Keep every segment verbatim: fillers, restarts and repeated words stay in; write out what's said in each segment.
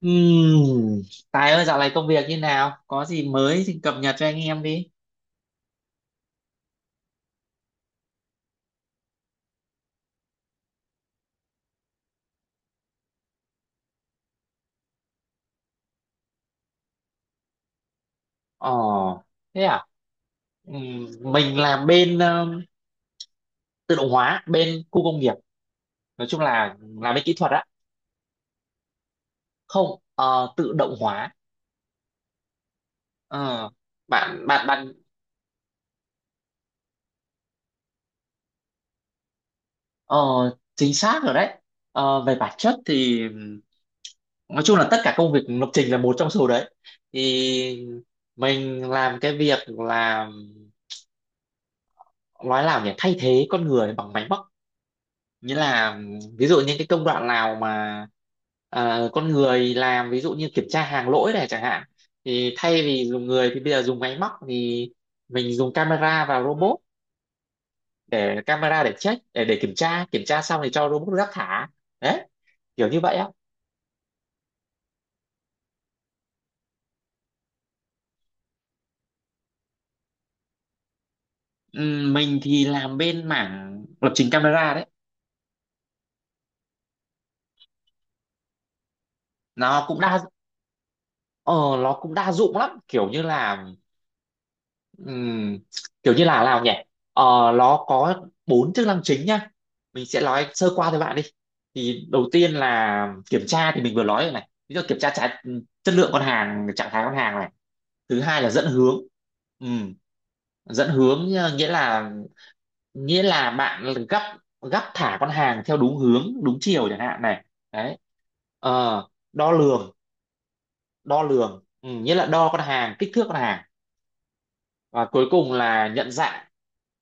Ừm, Tài ơi, dạo này công việc như nào? Có gì mới thì cập nhật cho anh em đi. Ồ, thế à? Ừm, mình làm bên ờ, tự động hóa, bên khu công nghiệp. Nói chung là làm bên kỹ thuật á. Không, ờ, tự động hóa. Ờ, bạn bạn bạn ờ, chính xác rồi đấy. Ờ, về bản chất thì ừm, nói chung là tất cả công việc lập trình là một trong số đấy. Thì mình làm cái việc là nói nào nhỉ, thay thế con người bằng máy móc, nghĩa là ví dụ những cái công đoạn nào mà à, con người làm ví dụ như kiểm tra hàng lỗi này chẳng hạn, thì thay vì dùng người thì bây giờ dùng máy móc thì mình dùng camera và robot, để camera để check để để kiểm tra, kiểm tra xong thì cho robot rác thả đấy, kiểu như vậy á. Ừm, mình thì làm bên mảng lập trình camera đấy, nó cũng đa ờ, nó cũng đa dụng lắm, kiểu như là Ừm, kiểu như là nào nhỉ, ờ, nó có bốn chức năng chính nhá, mình sẽ nói sơ qua với bạn đi. Thì đầu tiên là kiểm tra thì mình vừa nói rồi này, ví dụ kiểm tra trái, chất lượng con hàng, trạng thái con hàng này. Thứ hai là dẫn hướng. Ừm, Dẫn hướng, ờ, nghĩa là nghĩa là bạn gấp, gấp thả con hàng theo đúng hướng đúng chiều chẳng hạn này, đấy. Ờ, đo lường, đo lường. Ừm, nghĩa là đo con hàng, kích thước con hàng. Và cuối cùng là nhận dạng,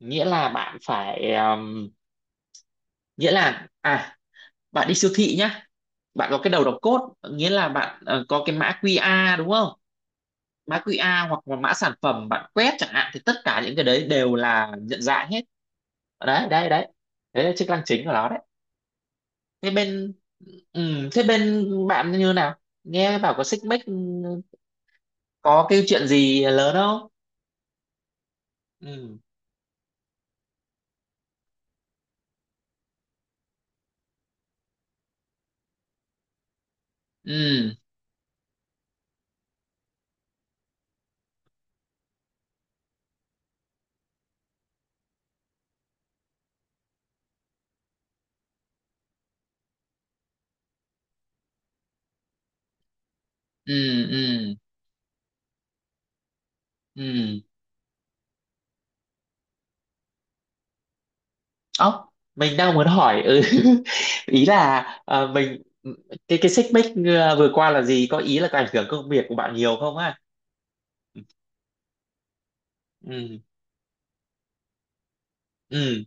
nghĩa là bạn phải um, nghĩa là à bạn đi siêu thị nhá, bạn có cái đầu đọc code, nghĩa là bạn ờ, có cái mã quy a rờ đúng không, mã quy a rờ hoặc là mã sản phẩm bạn quét chẳng hạn, thì tất cả những cái đấy đều là nhận dạng hết. Đấy đấy đấy, đấy là chức năng chính của nó đấy. Thế bên ừ, thế bên bạn như nào, nghe bảo có xích mích, ừ, có cái chuyện gì lớn không? Ừ, ừ, ừ, ừ, ừ. Ốc, mình đang muốn hỏi ừ. Ý là ờ, mình cái cái xích mích ờ, vừa qua là gì, có ý là có ảnh hưởng công việc của bạn nhiều không á? Ừ, ừ,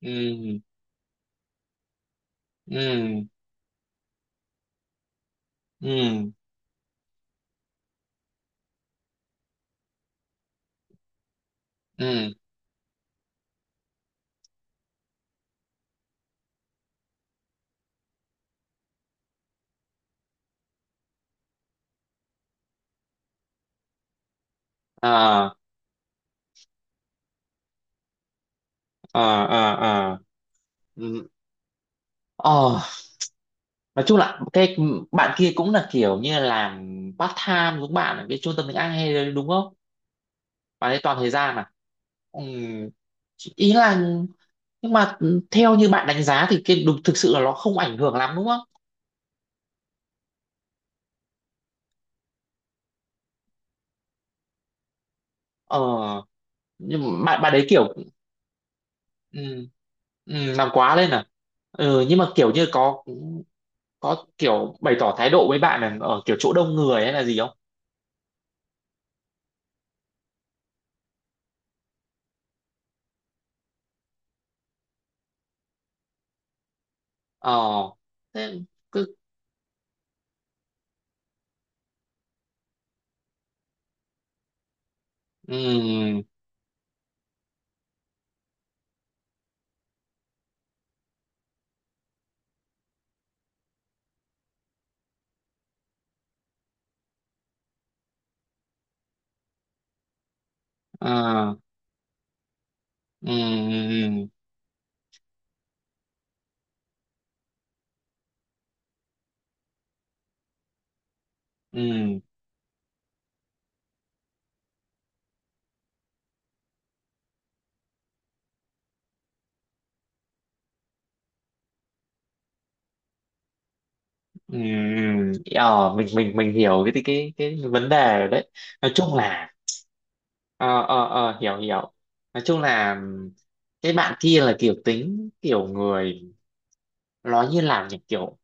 ừ, ừ, ừ, ừ, à, à, à, à, ừ. Ờ, nói chung là cái bạn kia cũng là kiểu như làm part time giống bạn ở cái trung tâm tiếng Anh hay đúng không? Bạn ấy toàn thời gian à? Ừm, Ý là nhưng mà theo như bạn đánh giá thì cái đúng thực sự là nó không ảnh hưởng lắm đúng không? Ờ, nhưng mà bạn bạn đấy kiểu ừm, ừm, làm quá lên à? Ừ, nhưng mà kiểu như có có kiểu bày tỏ thái độ với bạn là ở kiểu chỗ đông người hay là gì không? Ờ, thế cứ ừm, ờ, ừm, ừm, ừm, ờ, mình mình mình hiểu cái cái cái cái vấn đề rồi đấy. Nói chung là, ờ ờ ờ, hiểu hiểu. Nói chung là cái bạn kia là kiểu tính kiểu người, nói như làm nhỉ, kiểu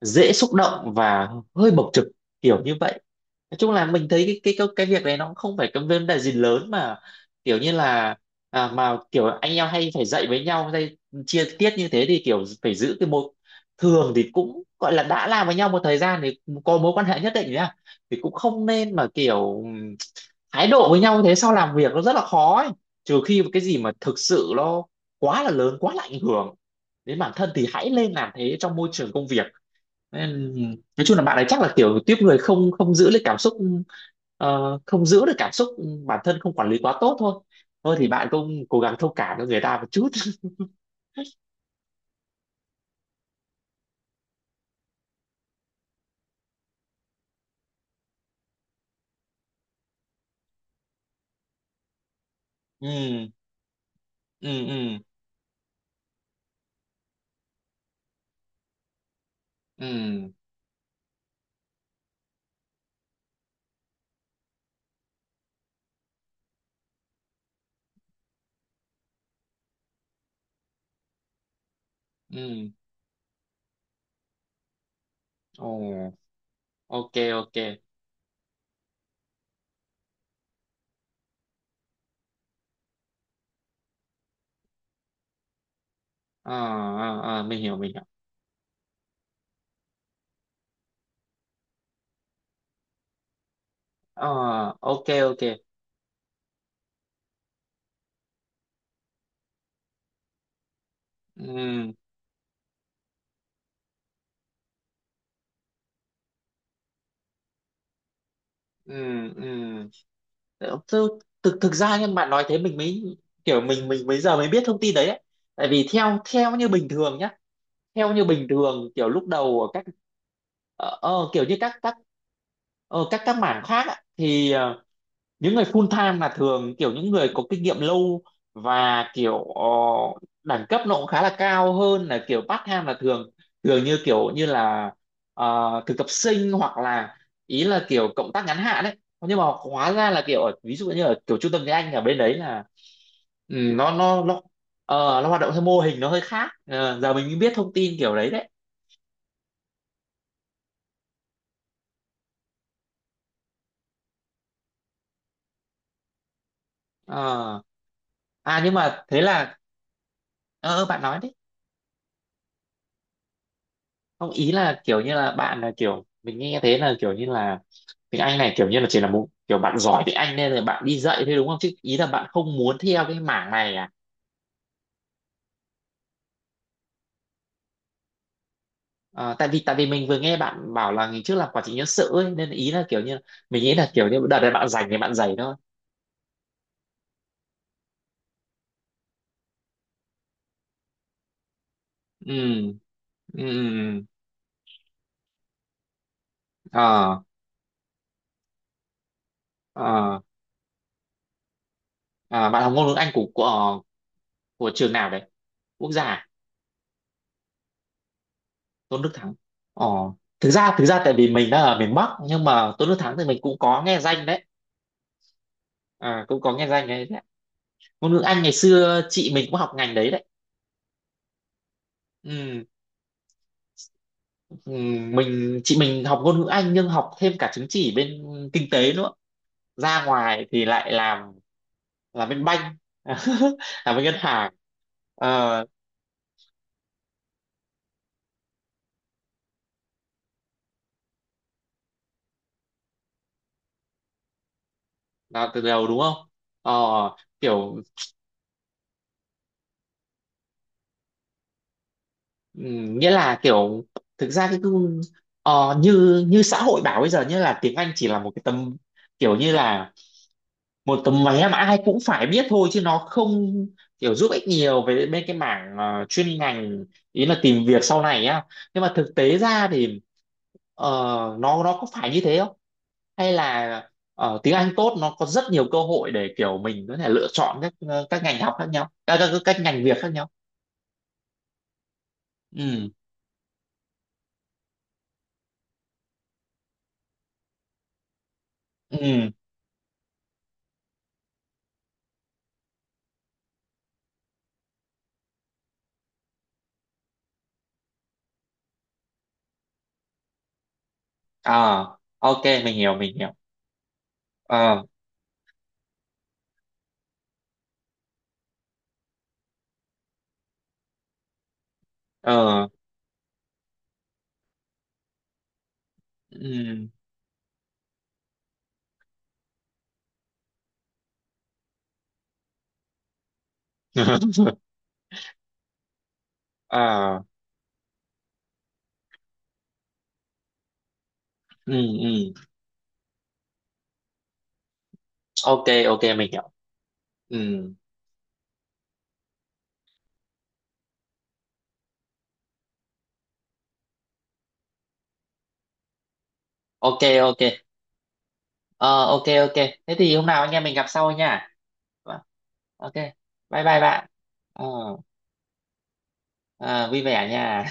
dễ xúc động và hơi bộc trực, kiểu như vậy. Nói chung là mình thấy cái cái cái, cái việc này nó cũng không phải cái vấn đề gì lớn mà, kiểu như là à, mà kiểu anh em hay phải dạy với nhau hay chia tiết như thế thì kiểu phải giữ cái mối. Thường thì cũng gọi là đã làm với nhau một thời gian thì có mối quan hệ nhất định nhá, thì cũng không nên mà kiểu ừm, thái độ với nhau như thế, sau làm việc nó rất là khó ấy. Trừ khi mà cái gì mà thực sự nó quá là lớn, quá là ảnh hưởng đến bản thân thì hãy lên làm thế trong môi trường công việc nên, nói chung là bạn ấy chắc là kiểu tiếp người không không giữ được cảm xúc, ờ, không giữ được cảm xúc bản thân, không quản lý quá tốt thôi. Thôi thì bạn cũng cố gắng thông cảm cho người ta một chút. Ừ, ừ, ừ, ừ, ừ, ồ, ok, ok. Ờ ờ, ờ, mình hiểu mình hiểu. Ờ, ok, ok. Ừ, ừ, ừ, thực thực thực ra nhưng bạn nói thế mình mới kiểu, mình mình bây giờ mới biết thông tin đấy, ấy. Tại vì theo theo như bình thường nhá, theo như bình thường kiểu lúc đầu ở các ờ, ờ, kiểu như các các ờ, các các mảng khác ạ, thì ờ, những người full time là thường kiểu những người có kinh nghiệm lâu, và kiểu ờ, đẳng cấp nó cũng khá là cao hơn là kiểu part time là thường, thường như kiểu như là ờ, thực tập sinh hoặc là ý là kiểu cộng tác ngắn hạn ấy. Nhưng mà hóa ra là kiểu ở ví dụ như ở kiểu trung tâm tiếng Anh ở bên đấy là ừ, nó nó nó ờ, nó hoạt động theo mô hình nó hơi khác. Ờ, giờ mình mới biết thông tin kiểu đấy đấy. Ờ. À nhưng mà thế là, ờ ờ, bạn nói đấy, không ý là kiểu như là bạn là kiểu mình nghe thế là kiểu như là tiếng Anh này kiểu như là chỉ là một kiểu bạn giỏi tiếng Anh nên là bạn đi dạy thôi đúng không, chứ ý là bạn không muốn theo cái mảng này à? Ờ, tại vì tại vì mình vừa nghe bạn bảo là ngày trước làm quản trị nhân sự ấy, nên ý là kiểu như mình nghĩ là kiểu như đợt này bạn rảnh thì bạn rảnh thôi. Ừ, ừ, ừ, ừ. Ờ, ờ, à, bạn học ngôn ngữ Anh của của, ờ, của trường nào đấy, quốc gia à? Tôn Đức Thắng. Ờ, thực ra thực ra tại vì mình đang ở miền Bắc nhưng mà Tôn Đức Thắng thì mình cũng có nghe danh đấy, à, cũng có nghe danh đấy, đấy. Ngôn ngữ Anh ngày xưa chị mình cũng học ngành đấy đấy. Ừ, ừ, mình chị mình học ngôn ngữ Anh nhưng học thêm cả chứng chỉ bên kinh tế nữa, ra ngoài thì lại làm làm bên banh làm bên ngân hàng. Ờ, là từ đầu đúng không? Ờ, kiểu Ừ, nghĩa là kiểu thực ra cái cung- ờ, như như xã hội bảo bây giờ nghĩa là tiếng Anh chỉ là một cái tấm, kiểu như là một tấm vé mà ai cũng phải biết thôi chứ nó không kiểu giúp ích nhiều về bên cái mảng ờ, chuyên ngành, ý là tìm việc sau này á. Nhưng mà thực tế ra thì ờ, nó nó có phải như thế không hay là ờ, tiếng Anh tốt nó có rất nhiều cơ hội để kiểu mình có thể lựa chọn các ờ, các ngành học khác nhau, à, các các, các ngành việc khác nhau. Ừ, ừ, ờ, ok mình hiểu mình hiểu. Ờ, ờ, ừm, ờ, ừm, ừm, ok ok mình hiểu. Ừm, ok ok, ờ, ok ok, thế thì hôm nào anh em mình gặp sau nha. Vâng, ok, bye bye bạn. Ờ ờ, vui vẻ nha.